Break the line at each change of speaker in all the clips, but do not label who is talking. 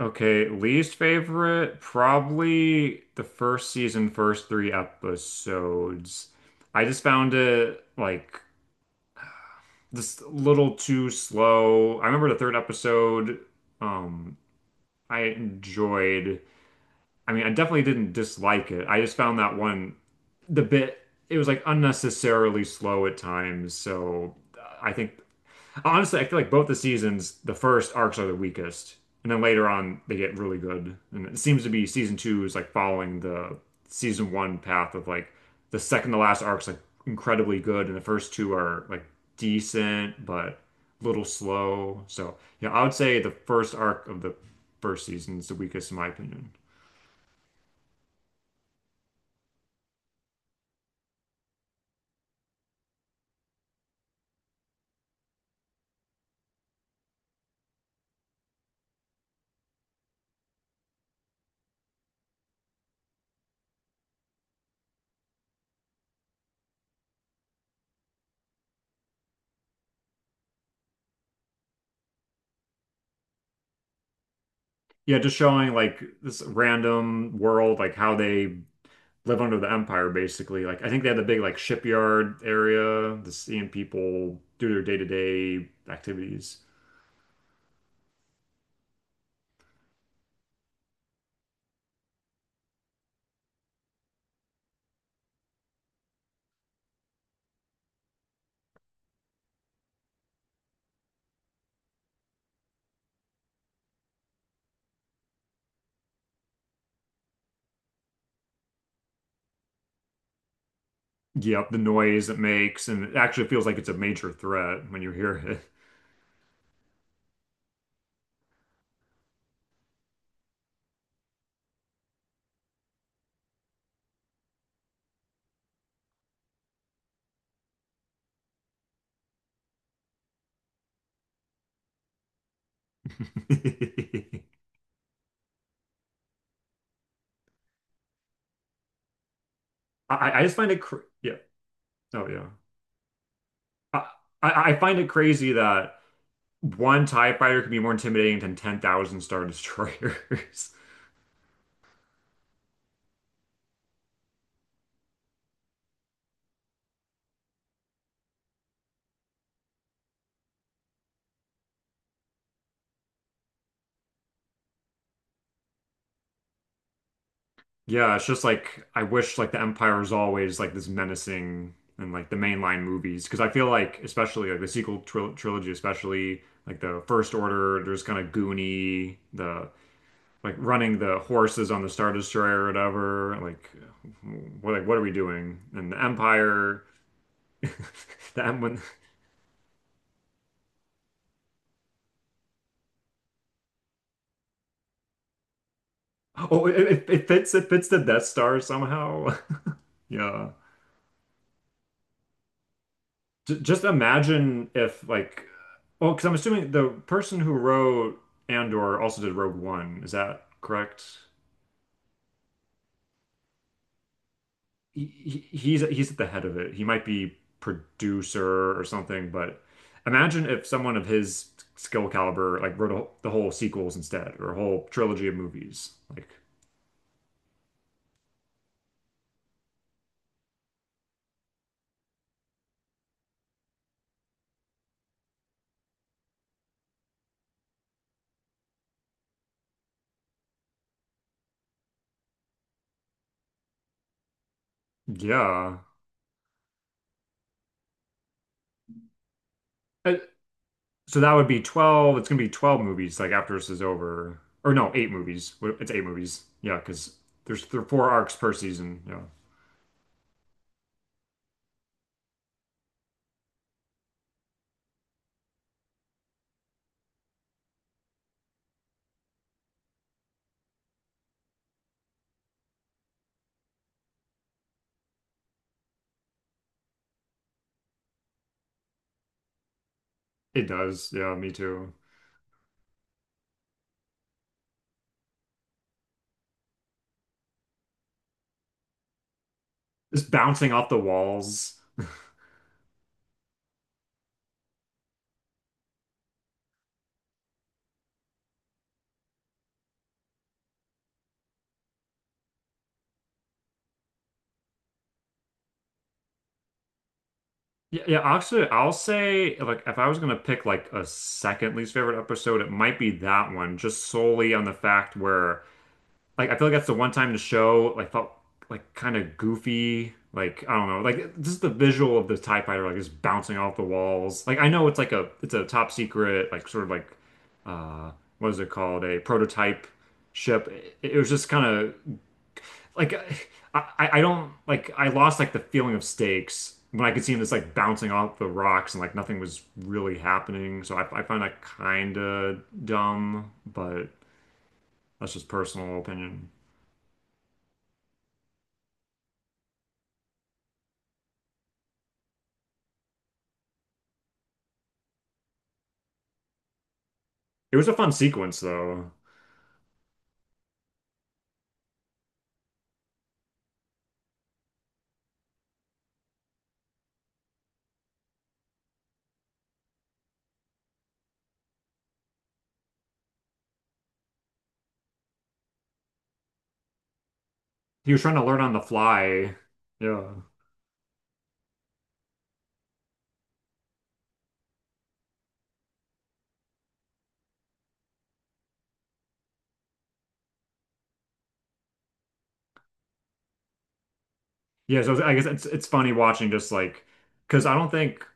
Okay, least favorite, probably the first season, first three episodes. I just found it like just a little too slow. I remember the third episode, um, I enjoyed. I mean, I definitely didn't dislike it. I just found that one the bit it was like unnecessarily slow at times, so I think honestly, I feel like both the seasons, the first arcs are the weakest, and then later on they get really good. And it seems to be season two is like following the season one path of like the second to last arc's like incredibly good, and the first two are like decent but a little slow. So yeah, I would say the first arc of the first season is the weakest in my opinion. Yeah, just showing like this random world, like how they live under the empire basically. Like I think they had the big like shipyard area, the seeing people do their day-to-day activities. Yep, the noise it makes, and it actually feels like it's a major threat when you hear it. I just find it cr yeah. Oh yeah. I, I find it crazy that one TIE fighter can be more intimidating than 10,000 Star Destroyers. Yeah, it's just like I wish like the Empire was always like this menacing and like the mainline movies because I feel like especially like the sequel trilogy especially like the First Order, there's kind of Goonie the like running the horses on the Star Destroyer or whatever, like what, like what are we doing? And the Empire the M when oh, it it fits, it fits the Death Star somehow. Yeah. Just imagine if like, well, because I'm assuming the person who wrote Andor also did Rogue One. Is that correct? He's he's at the head of it. He might be producer or something, but imagine if someone of his skill caliber like wrote the whole sequels instead, or a whole trilogy of movies. Like, yeah. Uh, So that would be 12. It's gonna be 12 movies like after this is over. Or no, eight movies. What- it's eight movies. Yeah, because there's there are four arcs per season. Yeah. It does. Yeah, me too. Just bouncing off the walls. Yeah, yeah, actually, I'll say like if I was gonna pick like a second least favorite episode, it might be that one, just solely on the fact where like I feel like that's the one time the show like felt like kind of goofy. Like I don't know, like just the visual of the TIE fighter like just bouncing off the walls. Like I know it's like a it's a top secret like sort of like uh what is it called, a prototype ship. It was just kind of like I don't like I lost like the feeling of stakes when I could see him just like bouncing off the rocks and like nothing was really happening. So I find that kind of dumb, but that's just personal opinion. It was a fun sequence though. He was trying to learn on the fly. Yeah. Yeah, so I guess it's funny watching just like because I don't think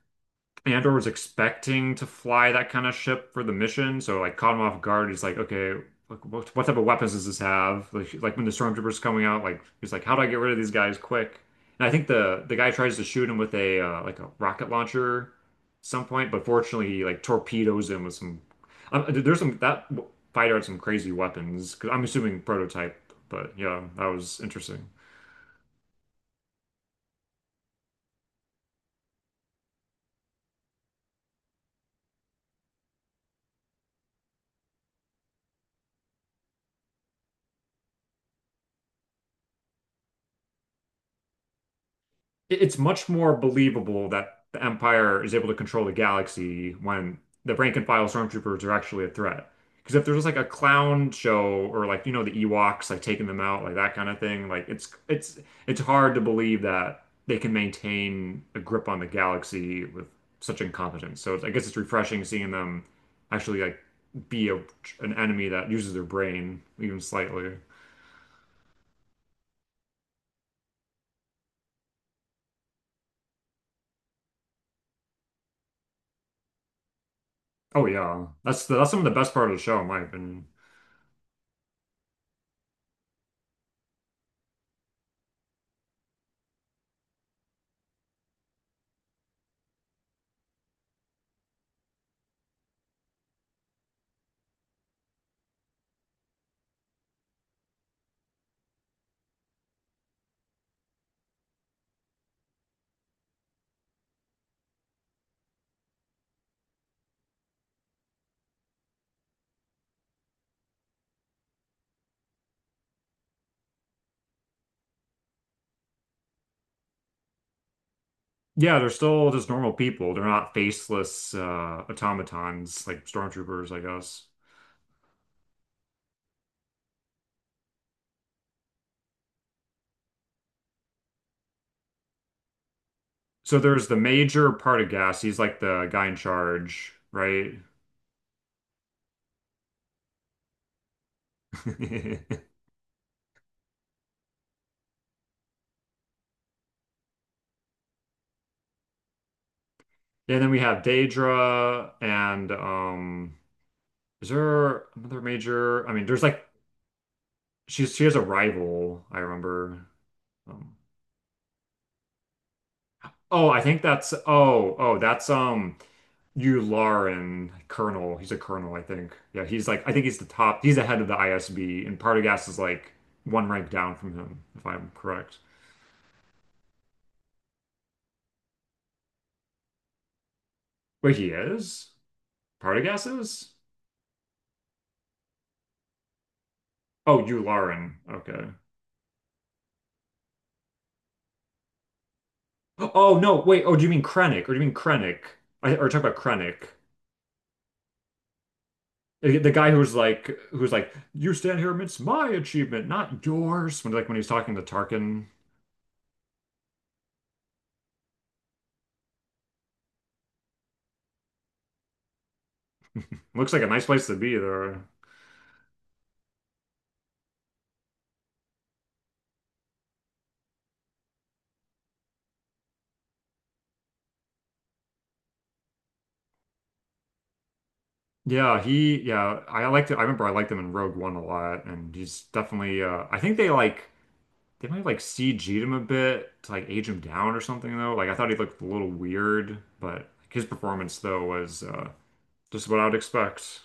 Andor was expecting to fly that kind of ship for the mission, so like caught him off guard. He's like, okay, like, what type of weapons does this have? Like when the stormtroopers coming out, like he's like, how do I get rid of these guys quick? And I think the guy tries to shoot him with a like a rocket launcher, at some point, but fortunately, he like torpedoes him with some. There's some that fighter had some crazy weapons. I'm assuming prototype, but yeah, that was interesting. It- it's much more believable that the Empire is able to control the galaxy when the rank and file stormtroopers are actually a threat. Because if there's like a clown show or like you know the Ewoks like taking them out like that kind of thing, like it's it's hard to believe that they can maintain a grip on the galaxy with such incompetence. So it's, I guess it's refreshing seeing them actually like be an enemy that uses their brain even slightly. Oh yeah, that's some of the best part of the show in my opinion. Yeah, they're still just normal people. They're not faceless automatons like stormtroopers, I guess. So there's the major part of Gas. He's like the guy in charge, right? And then we have Daedra and is there another major? I mean, there's like she's she has a rival, I remember. Um, Oh, I think that's oh, oh, that's Yularen Colonel. He's a colonel, I think. Yeah, he's like I think he's the top. He's the head of the ISB, and Partagas is like one rank down from him, if I'm correct. Wait, he is? Partagas is? Oh, Yularen. Okay. Oh no, wait. Oh, do you mean Krennic? Or do you mean Krennic? I or talk about Krennic. The guy who's like, you stand here amidst my achievement, not yours. When like when he's talking to Tarkin. Looks like a nice place to be there. Yeah, he yeah, I liked it. I remember I liked him in Rogue One a lot, and he's definitely I think they like they might have like CG'd him a bit to like age him down or something though. Like I thought he looked a little weird, but his performance though was just what I would expect.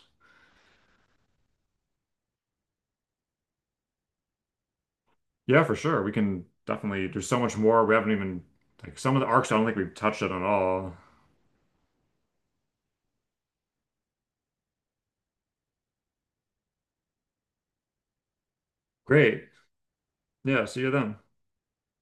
Yeah, for sure. We can definitely there's so much more we haven't even like some of the arcs I don't think we've touched on at all. Great. Yeah, see you then.